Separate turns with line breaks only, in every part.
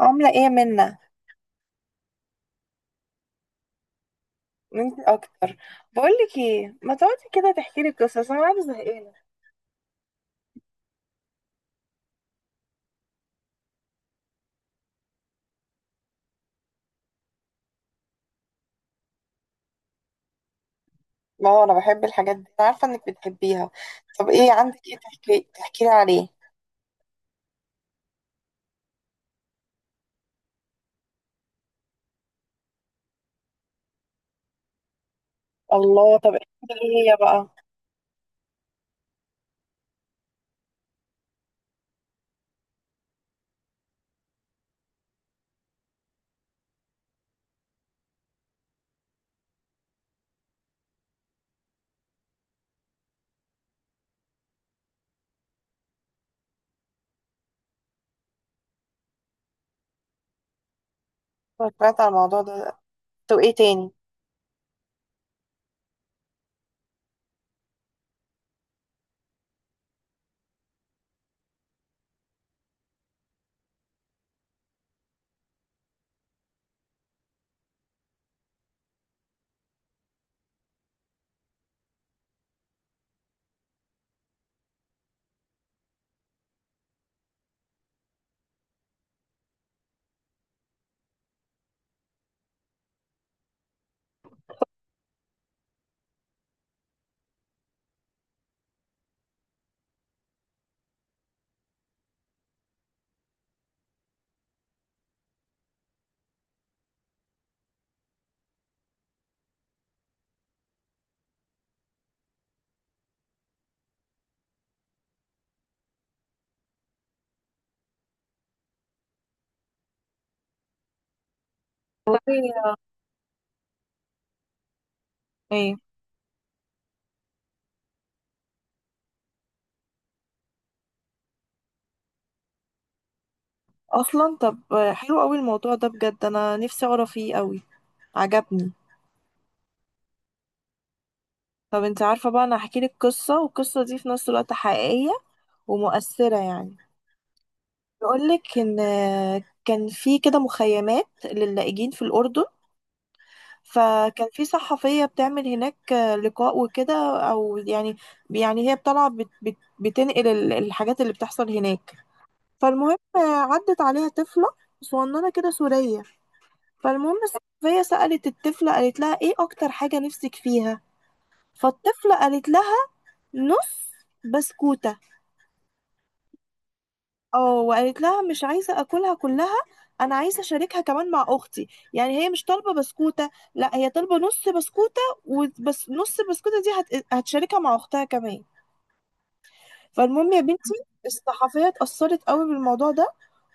عاملة ايه منا؟ انت اكتر. بقولك ايه، ما تقعدي كده تحكي لي قصص، انا قاعدة زهقانة. ما هو انا بحب الحاجات دي، انا عارفة انك بتحبيها. طب ايه عندك، ايه تحكي لي عليه؟ الله، طب ايه؟ هي بقى. أنا سمعت على الموضوع ده. طب ايه تاني؟ والله ايه اصلا؟ طب حلو قوي الموضوع ده بجد، انا نفسي اقرا فيه قوي، عجبني. طب انت عارفه بقى، انا هحكي لك قصه، والقصه دي في نفس الوقت حقيقيه ومؤثره يعني. بقولك إن كان في كده مخيمات للاجئين في الأردن، فكان في صحفية بتعمل هناك لقاء وكده، أو يعني يعني هي طالعة بت بت بتنقل الحاجات اللي بتحصل هناك. فالمهم عدت عليها طفلة صغننة كده سورية. فالمهم الصحفية سألت الطفلة، قالت لها إيه أكتر حاجة نفسك فيها؟ فالطفلة قالت لها نص بسكوتة. اه، وقالت لها مش عايزه اكلها كلها، انا عايزه اشاركها كمان مع اختي. يعني هي مش طالبه بسكوته، لا هي طالبه نص بسكوته، وبس نص البسكوته دي هتشاركها مع اختها كمان. فالمهم يا بنتي، الصحفيه اتاثرت قوي بالموضوع ده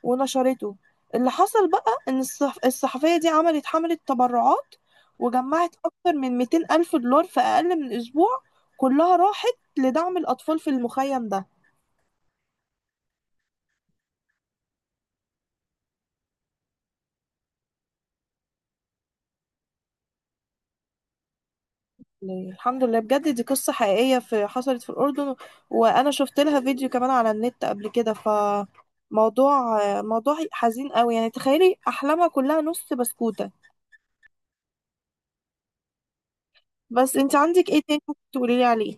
ونشرته. اللي حصل بقى ان الصحفيه دي عملت حمله تبرعات، وجمعت اكتر من 200 الف دولار في اقل من اسبوع، كلها راحت لدعم الاطفال في المخيم ده. لله. الحمد لله بجد، دي قصة حقيقية في حصلت في الأردن، وأنا شفت لها فيديو كمان على النت قبل كده. موضوع حزين قوي يعني، تخيلي أحلامها كلها نص بسكوتة. بس انت عندك ايه تاني ممكن تقولي لي عليه؟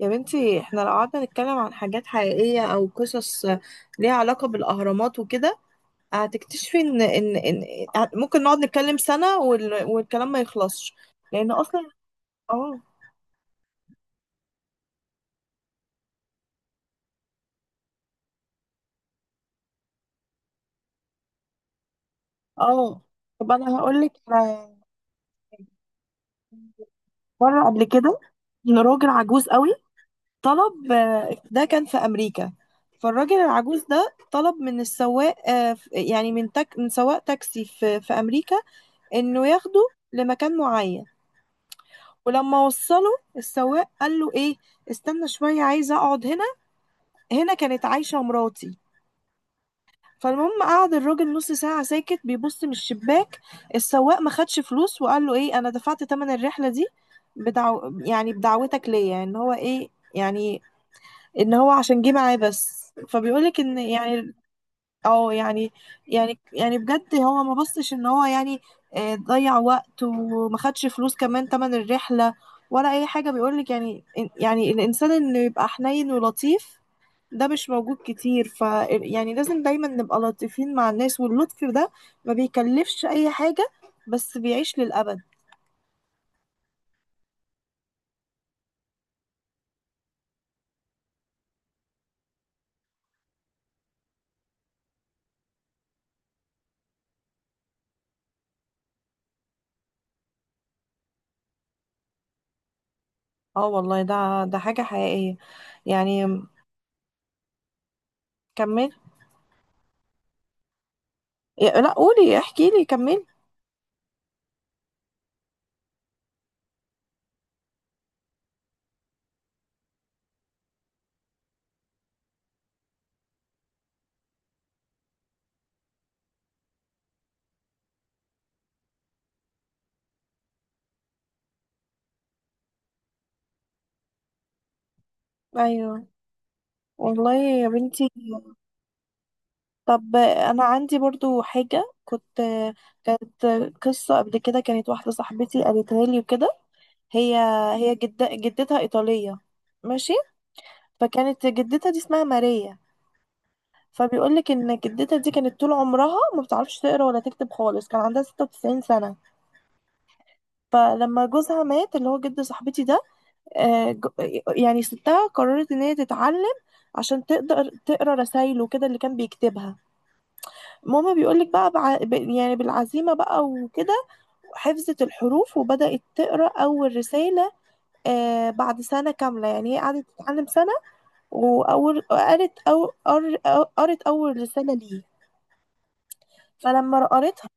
يا بنتي، احنا لو قعدنا نتكلم عن حاجات حقيقية أو قصص ليها علاقة بالأهرامات وكده، هتكتشفي ممكن نقعد نتكلم سنة، والكلام ما يخلصش لأن أصلا. اه. اه. طب أنا هقولك على مرة قبل كده، إن راجل عجوز قوي طلب، ده كان في أمريكا. فالراجل العجوز ده طلب من السواق، يعني من سواق تاكسي في أمريكا، إنه ياخده لمكان معين. ولما وصله السواق قال له إيه، استنى شوية عايزة أقعد هنا، هنا كانت عايشة مراتي. فالمهم قعد الراجل نص ساعة ساكت بيبص من الشباك. السواق ما خدش فلوس، وقال له إيه، أنا دفعت تمن الرحلة دي بدعو يعني بدعوتك ليا، إن هو إيه يعني، ان هو عشان جه معاه بس. فبيقولك ان يعني، او يعني يعني بجد هو ما بصش ان هو يعني ضيع وقت وما خدش فلوس كمان تمن الرحلة ولا اي حاجة. بيقولك يعني، يعني الانسان انه يبقى حنين ولطيف، ده مش موجود كتير. ف يعني لازم دايما نبقى لطيفين مع الناس، واللطف ده ما بيكلفش اي حاجة، بس بيعيش للأبد. اه والله، ده حاجة حقيقية يعني. كمل. لا قولي، احكي لي كمل. ايوه والله يا بنتي، طب انا عندي برضو حاجة كانت، قصة قبل كده، كانت واحدة صاحبتي قالتها لي وكده. هي هي جدتها ايطالية ماشي. فكانت جدتها دي اسمها ماريا. فبيقولك ان جدتها دي كانت طول عمرها ما بتعرفش تقرا ولا تكتب خالص، كان عندها 96 سنة. فلما جوزها مات، اللي هو جد صاحبتي ده، يعني ستها قررت ان هي تتعلم عشان تقدر تقرا رسايله كده اللي كان بيكتبها. ماما بيقولك بقى، يعني بالعزيمة بقى وكده حفظت الحروف وبدأت تقرأ أول رسالة، آه، بعد سنة كاملة. يعني هي قعدت تتعلم سنة، وأول قرت أو قر- أو- قرت أول رسالة ليه. فلما قريتها،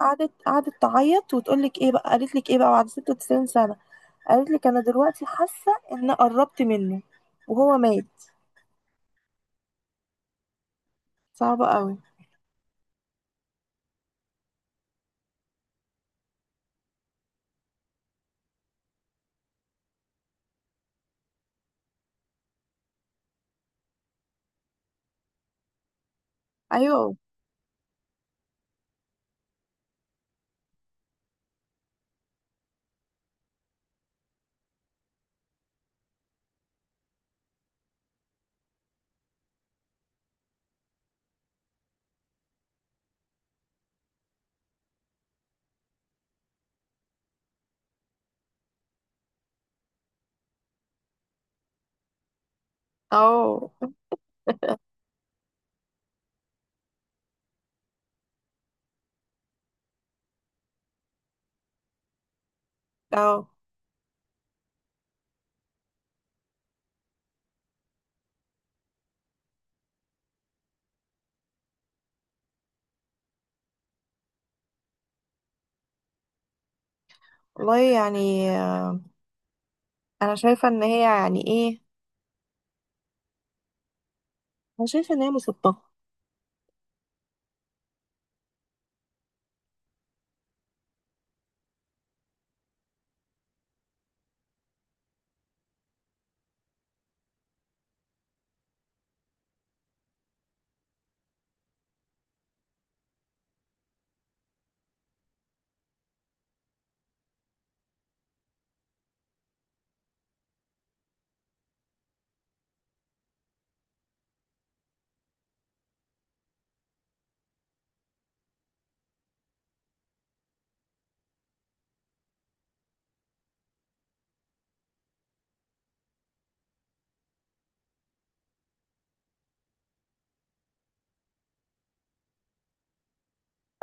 قعدت تعيط وتقولك إيه بقى، قالت لك إيه بقى، بعد 96 سنة قالت لك أنا دلوقتي حاسة إن قربت منه وهو مات. صعبة قوي. أيوه. أه. أه والله يعني، أنا شايفة إن هي يعني إيه، انا شايفه ان هي مسببه.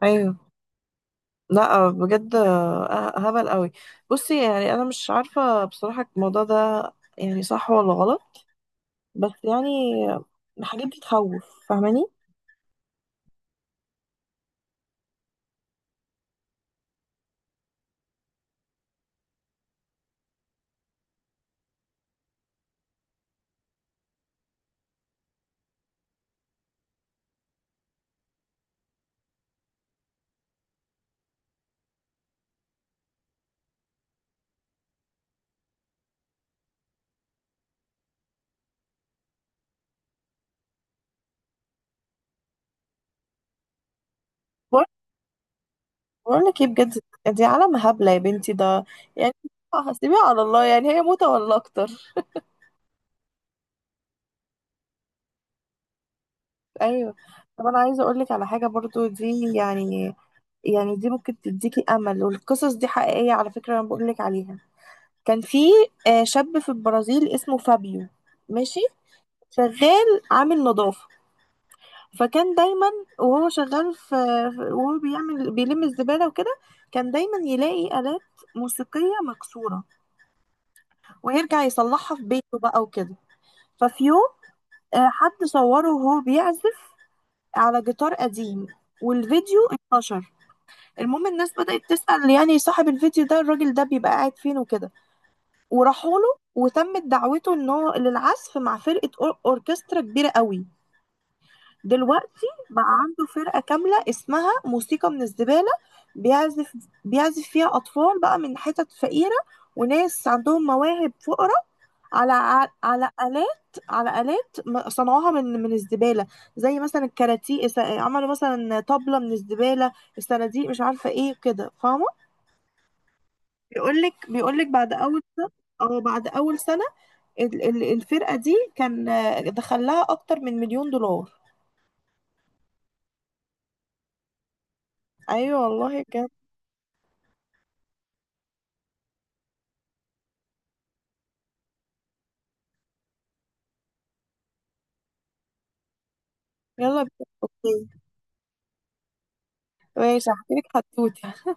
ايوه. لا بجد هبل قوي. بصي يعني انا مش عارفه بصراحه، الموضوع ده يعني صح ولا غلط، بس يعني الحاجات دي تخوف فاهماني. بقول بقول لك ايه بجد، دي عالم هبله يا بنتي ده يعني، هسيبيها على الله، يعني هي موتة ولا اكتر. ايوه. طب انا عايزه اقول لك على حاجه برضو، دي يعني، يعني دي ممكن تديكي امل، والقصص دي حقيقيه على فكره انا بقول لك عليها. كان في شاب في البرازيل اسمه فابيو، ماشي، شغال عامل نظافة. فكان دايما وهو شغال وهو بيعمل بيلم الزبالة وكده، كان دايما يلاقي آلات موسيقية مكسورة، ويرجع يصلحها في بيته بقى وكده. ففي يوم حد صوره وهو بيعزف على جيتار قديم، والفيديو انتشر. المهم الناس بدأت تسأل يعني صاحب الفيديو ده الراجل ده بيبقى قاعد فين وكده، وراحوا له، وتمت دعوته ان هو للعزف مع فرقة اوركسترا كبيرة قوي. دلوقتي بقى عنده فرقة كاملة اسمها موسيقى من الزبالة. بيعزف بيعزف فيها أطفال بقى من حتت فقيرة، وناس عندهم مواهب فقرة، على على آلات صنعوها من الزبالة. زي مثلا الكاراتيه عملوا مثلا طبلة من الزبالة، الصناديق، مش عارفة ايه كده فاهمة. بيقولك بعد أول سنة، اه، بعد أول سنة الفرقة دي كان دخلها أكتر من مليون دولار. أيوة والله بجد. يلا بينا. اوكي. ماشي هحكي لك حدوته.